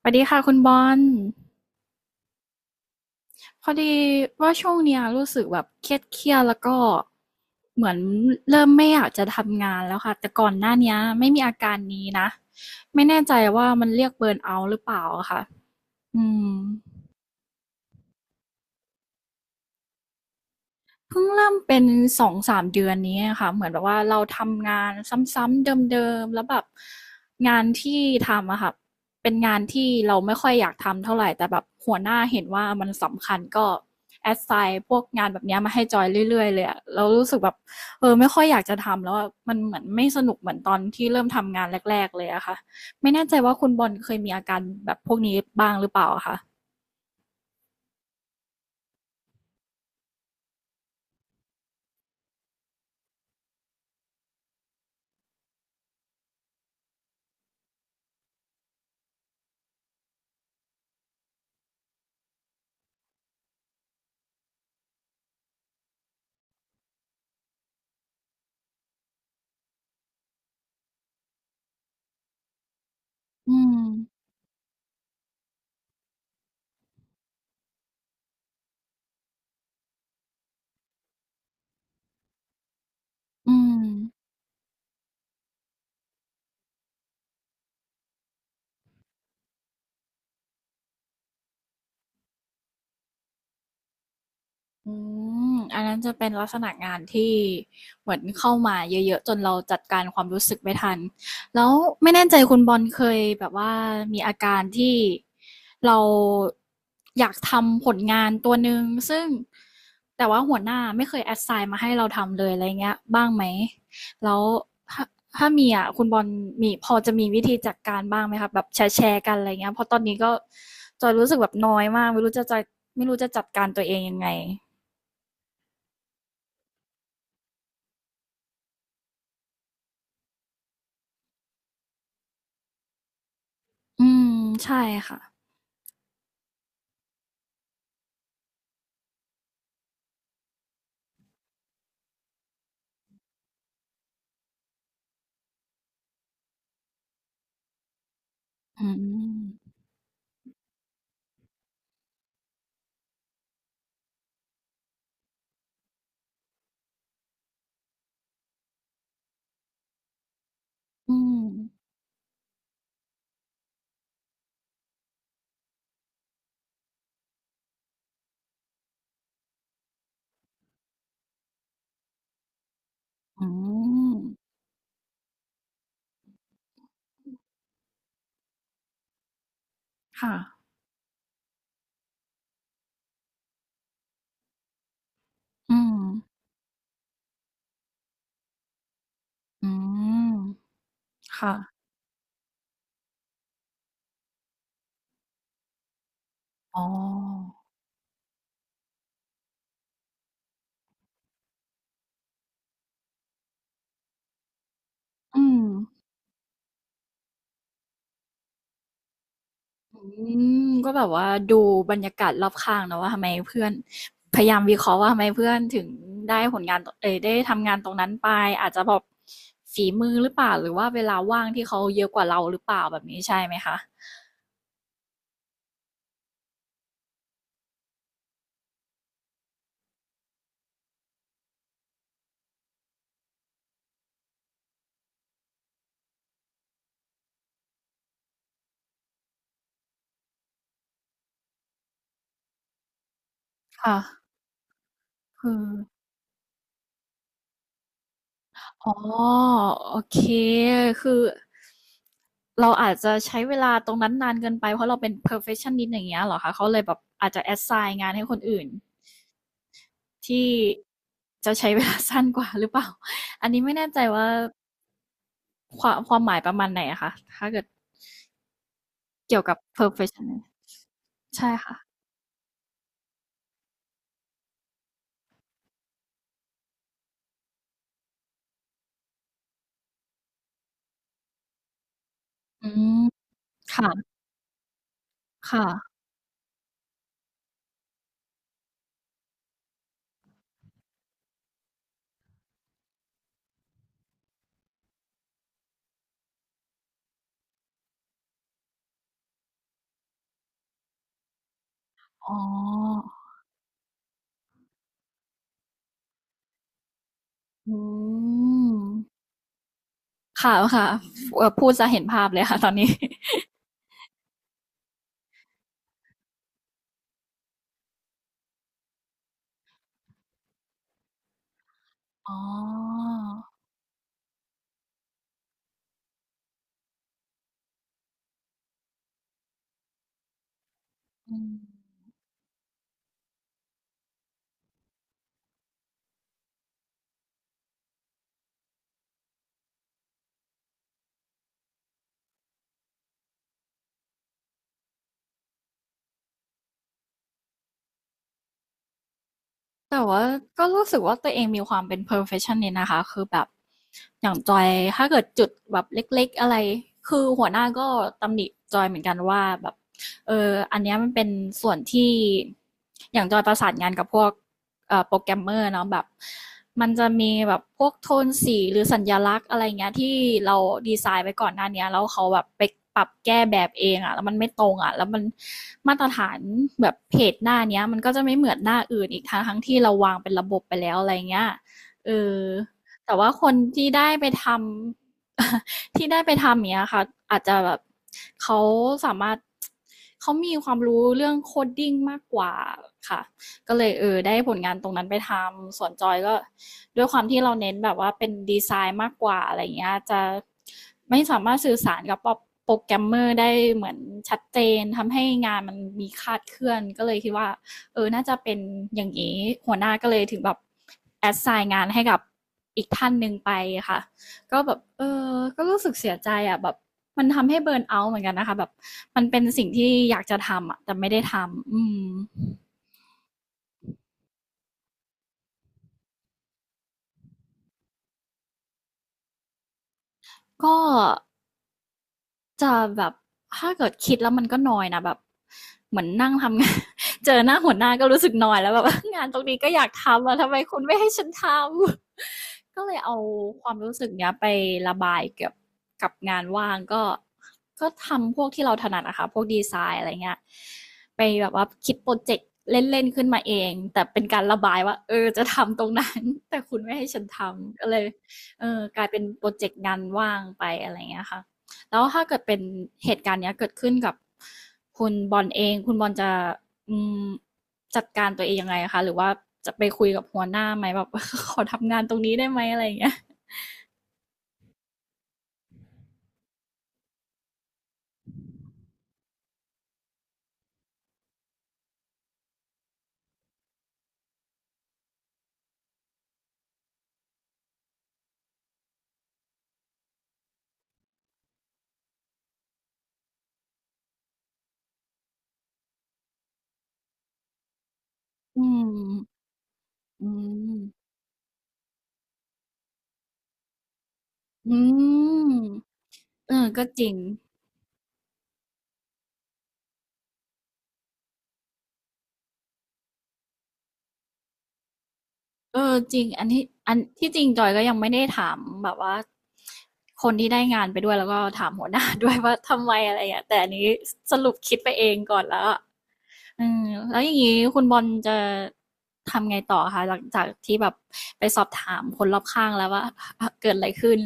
สวัสดีค่ะคุณบอลพอดีว่าช่วงเนี้ยรู้สึกแบบเครียดเครียดแล้วก็เหมือนเริ่มไม่อยากจะทำงานแล้วค่ะแต่ก่อนหน้าเนี้ยไม่มีอาการนี้นะไม่แน่ใจว่ามันเรียกเบิร์นเอาท์หรือเปล่าอะค่ะอืม เพิ่งเริ่มเป็น2-3เดือนนี้อะค่ะเหมือนแบบว่าเราทำงานซ้ำๆเดิมๆแล้วแบบงานที่ทำอะค่ะเป็นงานที่เราไม่ค่อยอยากทำเท่าไรแต่แบบหัวหน้าเห็นว่ามันสำคัญก็ assign พวกงานแบบเนี้ยมาให้จอยเรื่อยๆเลยอะเรารู้สึกแบบเออไม่ค่อยอยากจะทำแล้วอะมันเหมือนไม่สนุกเหมือนตอนที่เริ่มทำงานแรกๆเลยอะค่ะไม่แน่ใจว่าคุณบอลเคยมีอาการแบบพวกนี้บ้างหรือเปล่าอะคะอืมอืม อืมอันนั้นจะเป็นลักษณะงานที่เหมือนเข้ามาเยอะๆจนเราจัดการความรู้สึกไม่ทัน แล้วไม่แน่ใจคุณบอลเคยแบบว่ามีอาการที่เราอยากทำผลงานตัวหนึ่งซึ่งแต่ว่าหัวหน้าไม่เคยแอสไซน์มาให้เราทำเลยอะไรเงี้ยบ้างไหมแล้วถ้าถ้ามีอ่ะคุณบอลมีพอจะมีวิธีจัดการบ้างไหมครับแบบแชร์แกันอะไรเงี้ยเพราะตอนนี้ก็จอยรู้สึกแบบน้อยมากไม่รู้จะจัดการตัวเองยังไง อืมใช่ค่ะอืมอืมอืมค่ะอืมอืมค่ะอ๋ออืมอืมก็แบบว่าดูบรรยากาศรอบข้างเนาะว่าทำไมเพื่อนพยายามวิเคราะห์ว่าทำไมเพื่อนถึงได้ผลงานเอ่ยได้ทำงานตรงนั้นไปอาจจะแบบฝีมือหรือเปล่าหรือว่าเวลาว่างที่เขาเยอะกว่าเราหรือเปล่าแบบนี้ใช่ไหมคะค่ะคือ อ๋อโอเคคือเราอาจจะใช้เวลาตรงนั้นนานเกินไปเพราะเราเป็น perfectionist อย่างเงี้ยเหรอคะเขาเลยแบบอาจจะ assign งานให้คนอื่นที่จะใช้เวลา สั้นกว่าหรือเปล่า อันนี้ไม่แน่ใจว่าความหมายประมาณไหนอะคะถ้าเกิดเกี่ยวกับ perfectionist ใช่ค่ะอืมค่ะค่ะอ๋ออืมค่ะค่ะพูดจะเห็นภาพเลยค่ะตอนนี้ อ๋ออืม แต่ว่าก็รู้สึกว่าตัวเองมีความเป็น perfectionist นะคะคือแบบอย่างจอยถ้าเกิดจุดแบบเล็กๆอะไรคือหัวหน้าก็ตำหนิจอยเหมือนกันว่าแบบเอออันเนี้ยมันเป็นส่วนที่อย่างจอยประสานงานกับพวก โปรแกรมเมอร์เนาะแบบมันจะมีแบบพวกโทนสีหรือสัญลักษณ์อะไรเงี้ยที่เราดีไซน์ไว้ก่อนหน้าเนี้ยแล้วเขาแบบไปปรับแก้แบบเองอะแล้วมันไม่ตรงอะแล้วมันมาตรฐานแบบเพจหน้านี้มันก็จะไม่เหมือนหน้าอื่นอีกทั้งที่เราวางเป็นระบบไปแล้วอะไรเงี้ยเออแต่ว่าคนที่ได้ไปทำ ที่ได้ไปทำเนี้ยค่ะอาจจะแบบเขาสามารถเขามีความรู้เรื่องโคดดิ้งมากกว่าค่ะ ก็เลยเออได้ผลงานตรงนั้นไปทำส่วนจอยก็ด้วยความที่เราเน้นแบบว่าเป็นดีไซน์มากกว่าอะไรเงี้ยจะไม่สามารถสื่อสารกับโปรแกรมเมอร์ได้เหมือนชัดเจนทำให้งานมันมีคลาดเคลื่อนก็เลยคิดว่าเออน่าจะเป็นอย่างนี้หัวหน้าก็เลยถึงแบบแอดไซน์งานให้กับอีกท่านหนึ่งไปค่ะก็แบบเออก็รู้สึกเสียใจอ่ะแบบมันทำให้เบิร์นเอาท์เหมือนกันนะคะแบบมันเป็นสิ่งที่อยากจะทำอ่ะแต่ไม่ได้ทำอืมก็ จะแบบถ้าเกิดคิดแล้วมันก็นอยนะแบบเหมือนนั่งทำงาน เจอหน้าหัวหน้าก็รู้สึกนอยแล้วแบบ งานตรงนี้ก็อยากทำอะทำไมคุณไม่ให้ฉันทำ ก็เลยเอาความรู้สึกเนี้ยไประบายกับงานว่างก็ทำพวกที่เราถนัดอะค่ะพวกดีไซน์อะไรเงี้ยไปแบบว่าคิดโปรเจกต์เล่นๆขึ้นมาเองแต่เป็นการระบายว่าเออจะทำตรงนั้น แต่คุณไม่ให้ฉันทำก็เลยเออกลายเป็นโปรเจกต์งานว่างไปอะไรเงี้ยค่ะ แล้วถ้าเกิดเป็นเหตุการณ์เนี้ยเกิดขึ้นกับคุณบอลเองคุณบอลจะอืมจัดการตัวเองยังไงคะหรือว่าจะไปคุยกับหัวหน้าไหมแบบ ขอทำงานตรงนี้ได้ไหมอะไรอย่างเงี้ยอืมอืมอืมเออก็จริง เออจริงอันที่อันที่จริงจอยก็ยังไม่ได้ถามแบบว่าคนที่ได้งานไปด้วยแล้วก็ถามหัวหน้า ด้วยว่าทำไมอะไรอย่างเงี้ยแต่อันนี้สรุปคิดไปเองก่อนแล้วอะอืมแล้วอย่างนี้คุณบอลจะทำไงต่อคะหลังจากที่แบบไปสอบถามคนรอบข้างแล้วว่าเกิดอะไรขึ้น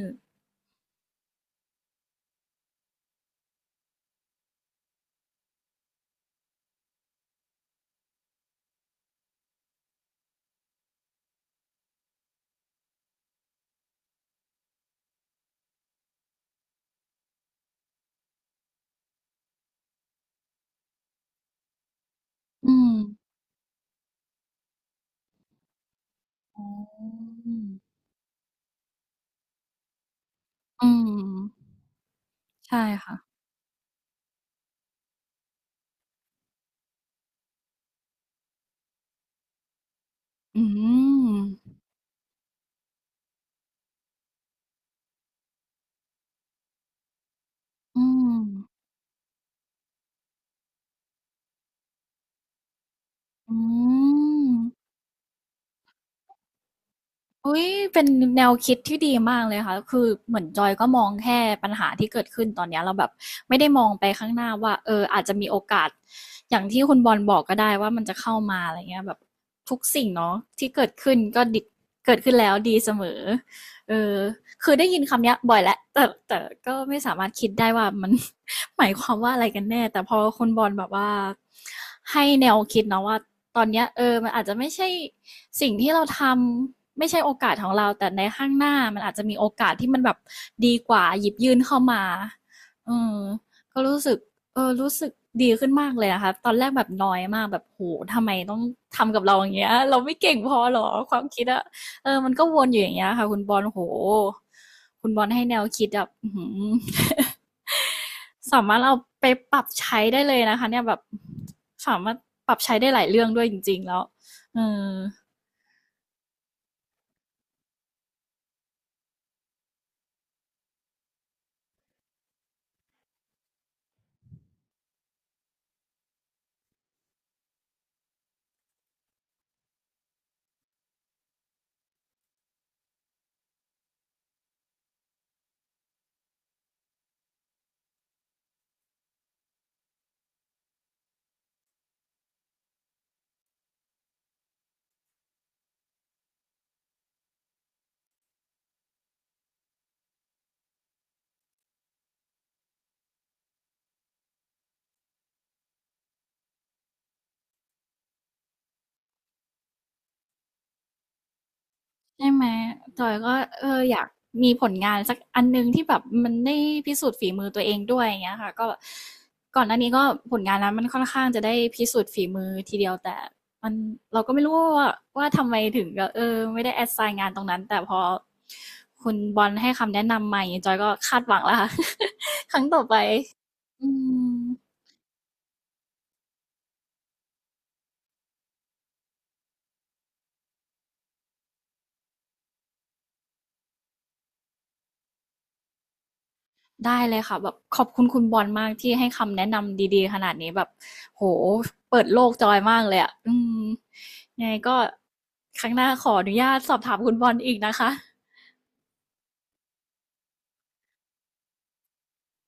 อืมอ๋ออืมใช่ค่ะอืมอืมอืม อุ๊ยเป็นแนวคิดที่ดีมากเลยค่ะคือเหมือนจอยก็มองแค่ปัญหาที่เกิดขึ้นตอนเนี้ยเราแบบไม่ได้มองไปข้างหน้าว่าเอออาจจะมีโอกาสอย่างที่คุณบอลบอกก็ได้ว่ามันจะเข้ามาอะไรเงี้ยแบบทุกสิ่งเนาะที่เกิดขึ้นก็ดเกิดขึ้นแล้วดีเสมอเออคือได้ยินคำเนี้ยบ่อยแล้วแต่ก็ไม่สามารถคิดได้ว่ามัน หมายความว่าอะไรกันแน่แต่พอคุณบอลแบบว่าให้แนวคิดเนาะว่าตอนเนี้ยเออมันอาจจะไม่ใช่สิ่งที่เราทำ ไม่ใช่โอกาสของเราแต่ในข้างหน้ามันอาจจะมีโอกาสที่มันแบบดีกว่าหยิบยื่นเข้ามาอืมก็รู้สึกเออรู้สึกดีขึ้นมากเลยนะคะตอนแรกแบบน้อยมากแบบโหทำไมต้องทำกับเราอย่างเงี้ยเราไม่เก่งพอหรอความคิดอะเออมันก็วนอยู่อย่างเงี้ยค่ะคุณบอลโหคุณบอลให้แนวคิดแบบ้ สามารถเอาไปปรับใช้ได้เลยนะคะเนี่ยแบบสามารถปรับใช้ได้หลายเรื่องด้วยจริงๆแล้วเออ ใช่ไหมจอยก็เอออยากมีผลงานสักอันหนึ่งที่แบบมันได้พิสูจน์ฝีมือตัวเองด้วยอย่างเงี้ยค่ะก็ก่อนหน้านี้ก็ผลงานนั้นมันค่อนข้างจะได้พิสูจน์ฝีมือทีเดียวแต่มันเราก็ไม่รู้ว่าทำไมถึงก็เออไม่ได้แอดไซน์งานตรงนั้นแต่พอคุณบอลให้คำแนะนำใหม่จอยก็คาดหวังแล้วค่ะ ครั้งต่อไปอืม ได้เลยค่ะแบบขอบคุณคุณบอลมากที่ให้คำแนะนำดีๆขนาดนี้แบบโหเปิดโลกจอยมากเลยอ่ะอืมยังไงก็ครั้งหน้าขออนุญาตสอบถามคุณบอลอีกนะคะ